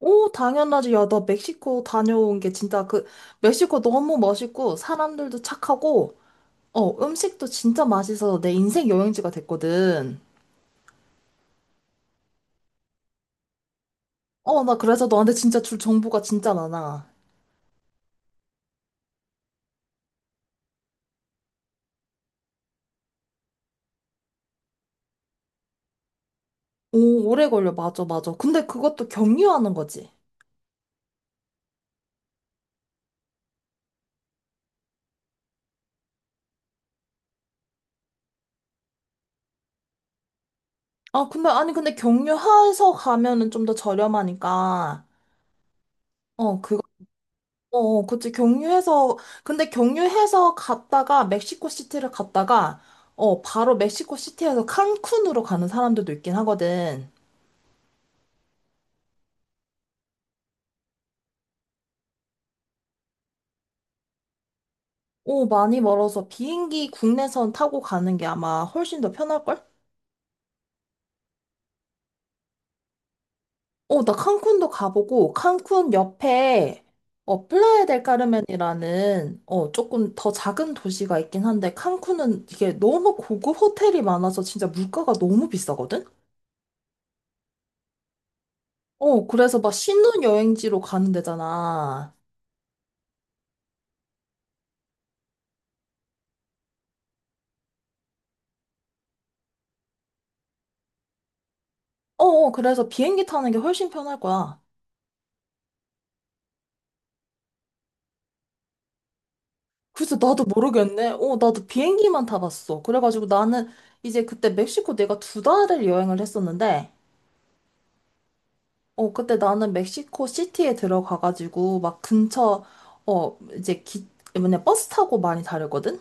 오, 당연하지. 야, 나 멕시코 다녀온 게 진짜 멕시코 너무 멋있고, 사람들도 착하고, 음식도 진짜 맛있어서 내 인생 여행지가 됐거든. 나 그래서 너한테 진짜 줄 정보가 진짜 많아. 오, 오래 걸려. 맞아, 맞아. 근데 그것도 경유하는 거지. 아, 근데, 아니, 근데 경유해서 가면은 좀 더 저렴하니까, 어, 그치. 경유해서, 근데 경유해서 갔다가 멕시코 시티를 갔다가, 바로 멕시코 시티에서 칸쿤으로 가는 사람들도 있긴 하거든. 오, 많이 멀어서 비행기 국내선 타고 가는 게 아마 훨씬 더 편할걸? 나 칸쿤도 가보고, 칸쿤 옆에, 플라야 델 까르멘이라는, 조금 더 작은 도시가 있긴 한데, 칸쿤은 이게 너무 고급 호텔이 많아서 진짜 물가가 너무 비싸거든? 그래서 막 신혼여행지로 가는 데잖아. 그래서 비행기 타는 게 훨씬 편할 거야. 그래서 나도 모르겠네. 나도 비행기만 타봤어. 그래가지고 나는 이제 그때 멕시코 내가 두 달을 여행을 했었는데, 그때 나는 멕시코 시티에 들어가가지고 막 근처, 어, 이제 기, 뭐냐, 버스 타고 많이 다녔거든?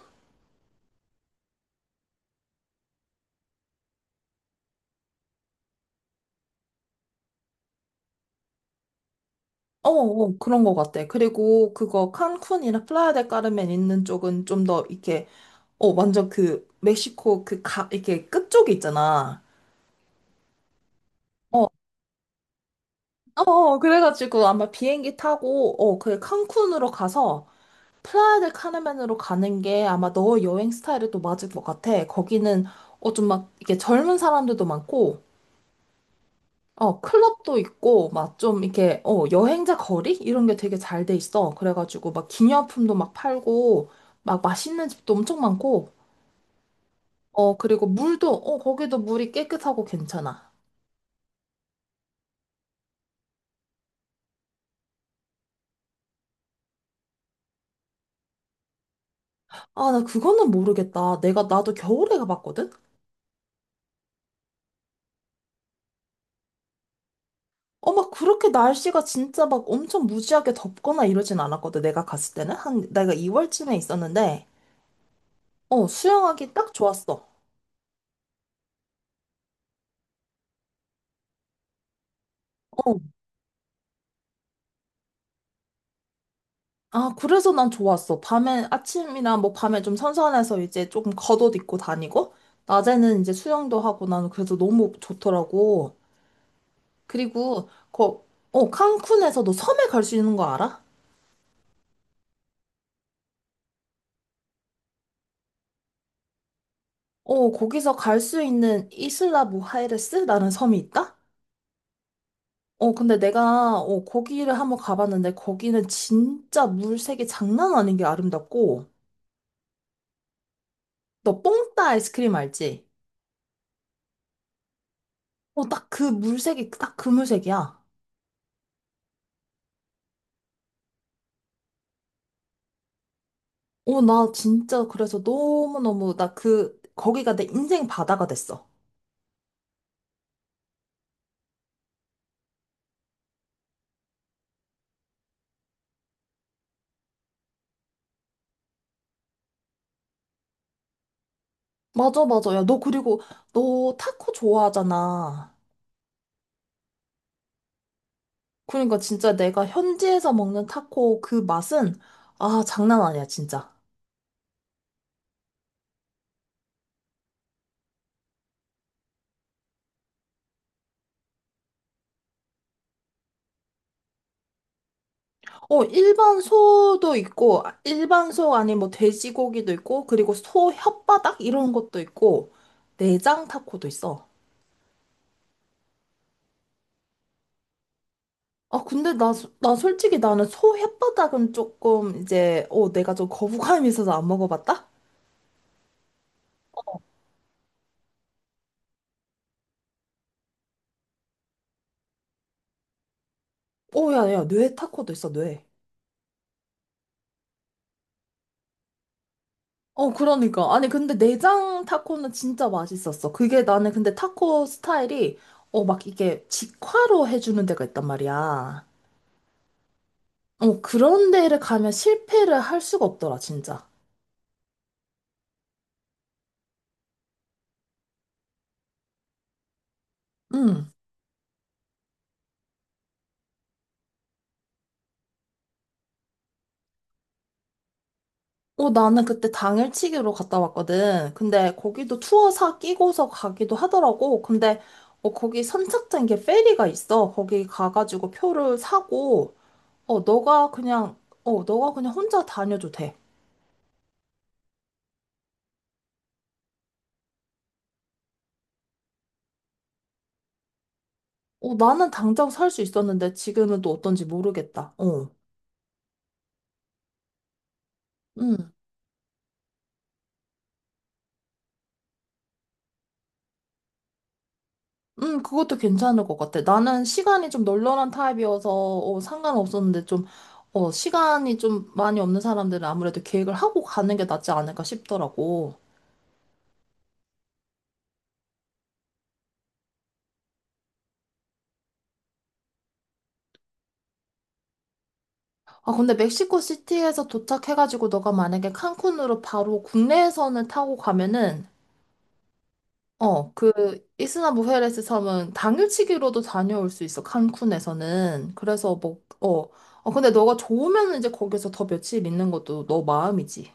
그런 거 같아. 그리고 그거 칸쿤이나 플라야 델 까르멘 있는 쪽은 좀 더 이렇게, 완전 그 멕시코 이렇게 끝쪽에 있잖아. 어, 그래가지고 아마 비행기 타고, 그 칸쿤으로 가서 플라야 델 카르멘으로 가는 게 아마 너 여행 스타일에 또 맞을 것 같아. 거기는, 좀 막, 이렇게 젊은 사람들도 많고, 클럽도 있고, 막 좀 이렇게, 여행자 거리? 이런 게 되게 잘 돼 있어. 그래가지고 막 기념품도 막 팔고, 막 맛있는 집도 엄청 많고, 그리고 물도, 거기도 물이 깨끗하고 괜찮아. 아, 나 그거는 모르겠다. 나도 겨울에 가봤거든? 막 그렇게 날씨가 진짜 막 엄청 무지하게 덥거나 이러진 않았거든, 내가 갔을 때는. 한, 내가 2월쯤에 있었는데, 수영하기 딱 좋았어. 어. 아, 그래서 난 좋았어. 밤에, 아침이나 뭐 밤에 좀 선선해서 이제 조금 겉옷 입고 다니고, 낮에는 이제 수영도 하고 나는 그래서 너무 좋더라고. 그리고, 칸쿤에서 너 섬에 갈 수 있는 거 알아? 거기서 갈 수 있는 이슬라 무하이레스라는 섬이 있다? 근데 내가, 거기를 한번 가봤는데, 거기는 진짜 물색이 장난 아닌 게 아름답고, 너 뽕따 아이스크림 알지? 딱 그 물색이, 딱 그 물색이야. 나 진짜 그래서 너무너무, 거기가 내 인생 바다가 됐어. 맞아, 맞아. 야, 너 타코 좋아하잖아. 그러니까 진짜 내가 현지에서 먹는 타코 그 맛은, 아, 장난 아니야, 진짜. 일반 소도 있고, 일반 소 아니 뭐 돼지고기도 있고, 그리고 소 혓바닥 이런 것도 있고, 내장 타코도 있어. 아, 근데 나, 소- 나 솔직히 나는 소 혓바닥은 조금 이제, 내가 좀 거부감이 있어서 안 먹어봤다? 야, 야, 뇌 타코도 있어, 뇌. 그러니까. 아니, 근데 내장 타코는 진짜 맛있었어. 그게 나는 근데 타코 스타일이, 막 이게 직화로 해주는 데가 있단 말이야. 그런 데를 가면 실패를 할 수가 없더라, 진짜. 응. 나는 그때 당일치기로 갔다 왔거든. 근데 거기도 투어사 끼고서 가기도 하더라고. 근데 거기 선착장 이게 페리가 있어. 거기 가가지고 표를 사고, 어, 너가 그냥, 너가 그냥 혼자 다녀도 돼. 나는 당장 살 수 있었는데 지금은 또 어떤지 모르겠다. 어. 그것도 괜찮을 것 같아. 나는 시간이 좀 널널한 타입이어서, 상관없었는데 좀, 시간이 좀 많이 없는 사람들은 아무래도 계획을 하고 가는 게 낫지 않을까 싶더라고. 아, 근데 멕시코 시티에서 도착해가지고 너가 만약에 칸쿤으로 바로 국내에서는 타고 가면은, 어, 그, 이스나무헤레스 섬은 당일치기로도 다녀올 수 있어, 칸쿤에서는. 그래서 뭐, 근데 너가 좋으면 이제 거기서 더 며칠 있는 것도 너 마음이지.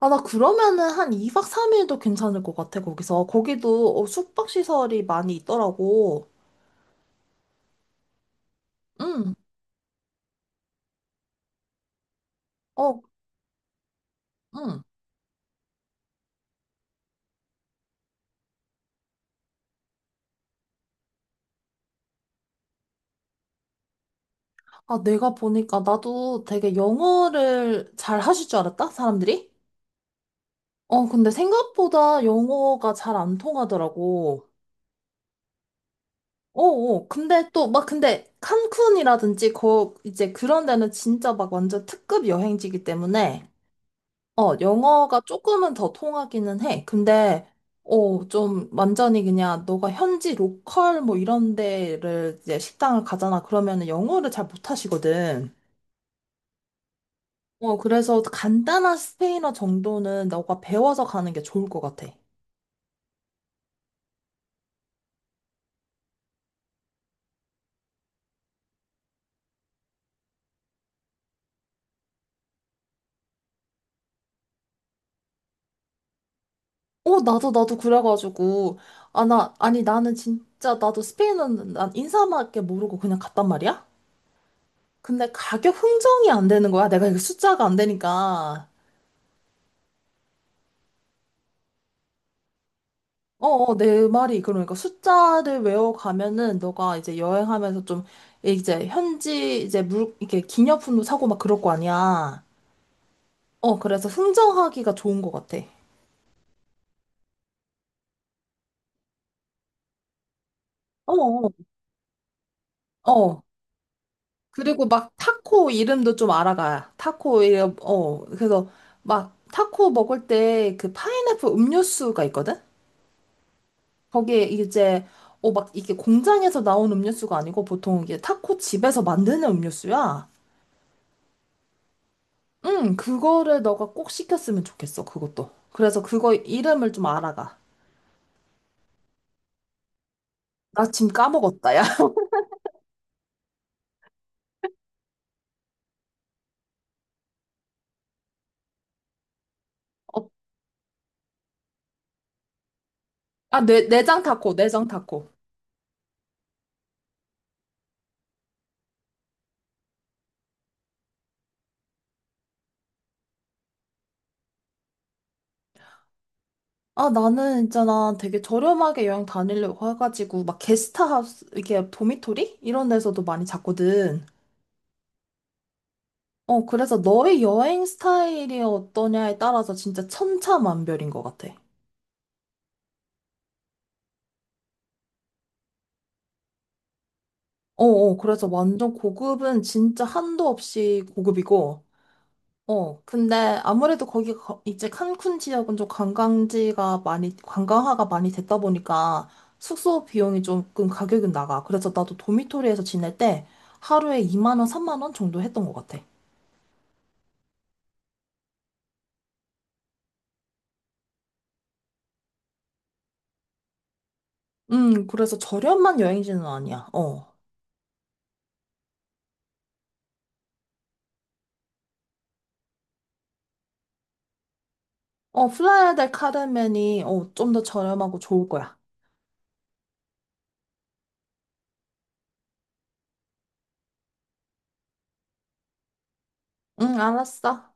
아, 나 그러면은 한 2박 3일도 괜찮을 것 같아, 거기서. 거기도 숙박시설이 많이 있더라고. 응, 어, 응. 아, 내가 보니까 나도 되게 영어를 잘 하실 줄 알았다, 사람들이? 근데 생각보다 영어가 잘 안 통하더라고. 어, 어. 근데 또, 막, 근데 칸쿤이라든지, 이제 그런 데는 진짜 막 완전 특급 여행지기 때문에 영어가 조금은 더 통하기는 해. 근데, 좀 완전히 그냥 너가 현지 로컬 뭐 이런 데를 이제 식당을 가잖아. 그러면은 영어를 잘 못하시거든. 그래서 간단한 스페인어 정도는 너가 배워서 가는 게 좋을 것 같아. 나도 그래가지고. 아, 나, 아니, 나는 진짜, 나도 스페인어는 난 인사밖에 모르고 그냥 갔단 말이야? 근데 가격 흥정이 안 되는 거야. 내가 이거 숫자가 안 되니까. 내 말이 그러니까 숫자를 외워가면은 너가 이제 여행하면서 좀 이제 현지 이제 물 이렇게 기념품도 사고 막 그럴 거 아니야. 그래서 흥정하기가 좋은 것 같아. 어, 어. 어. 그리고 막 타코 이름도 좀 알아가. 타코 이름, 어. 그래서 막 타코 먹을 때 그 파인애플 음료수가 있거든? 거기에 이제 막 이게 공장에서 나온 음료수가 아니고 보통 이게 타코 집에서 만드는 음료수야. 응, 그거를 너가 꼭 시켰으면 좋겠어, 그것도. 그래서 그거 이름을 좀 알아가. 나 지금 까먹었다, 야. 어, 아, 내장 타코, 내장 타코. 아, 나는 있잖아, 되게 저렴하게 여행 다니려고 해가지고, 막 게스트하우스, 이게 도미토리? 이런 데서도 많이 잤거든. 그래서 너의 여행 스타일이 어떠냐에 따라서 진짜 천차만별인 것 같아. 그래서 완전 고급은 진짜 한도 없이 고급이고, 근데 아무래도 거기 이제 칸쿤 지역은 좀 관광지가 많이, 관광화가 많이 됐다 보니까 숙소 비용이 조금 가격은 나가. 그래서 나도 도미토리에서 지낼 때 하루에 2만 원, 3만 원 정도 했던 것 같아. 그래서 저렴한 여행지는 아니야. 어. 플라야 델 카르멘이 좀 더 저렴하고 좋을 거야. 응, 알았어.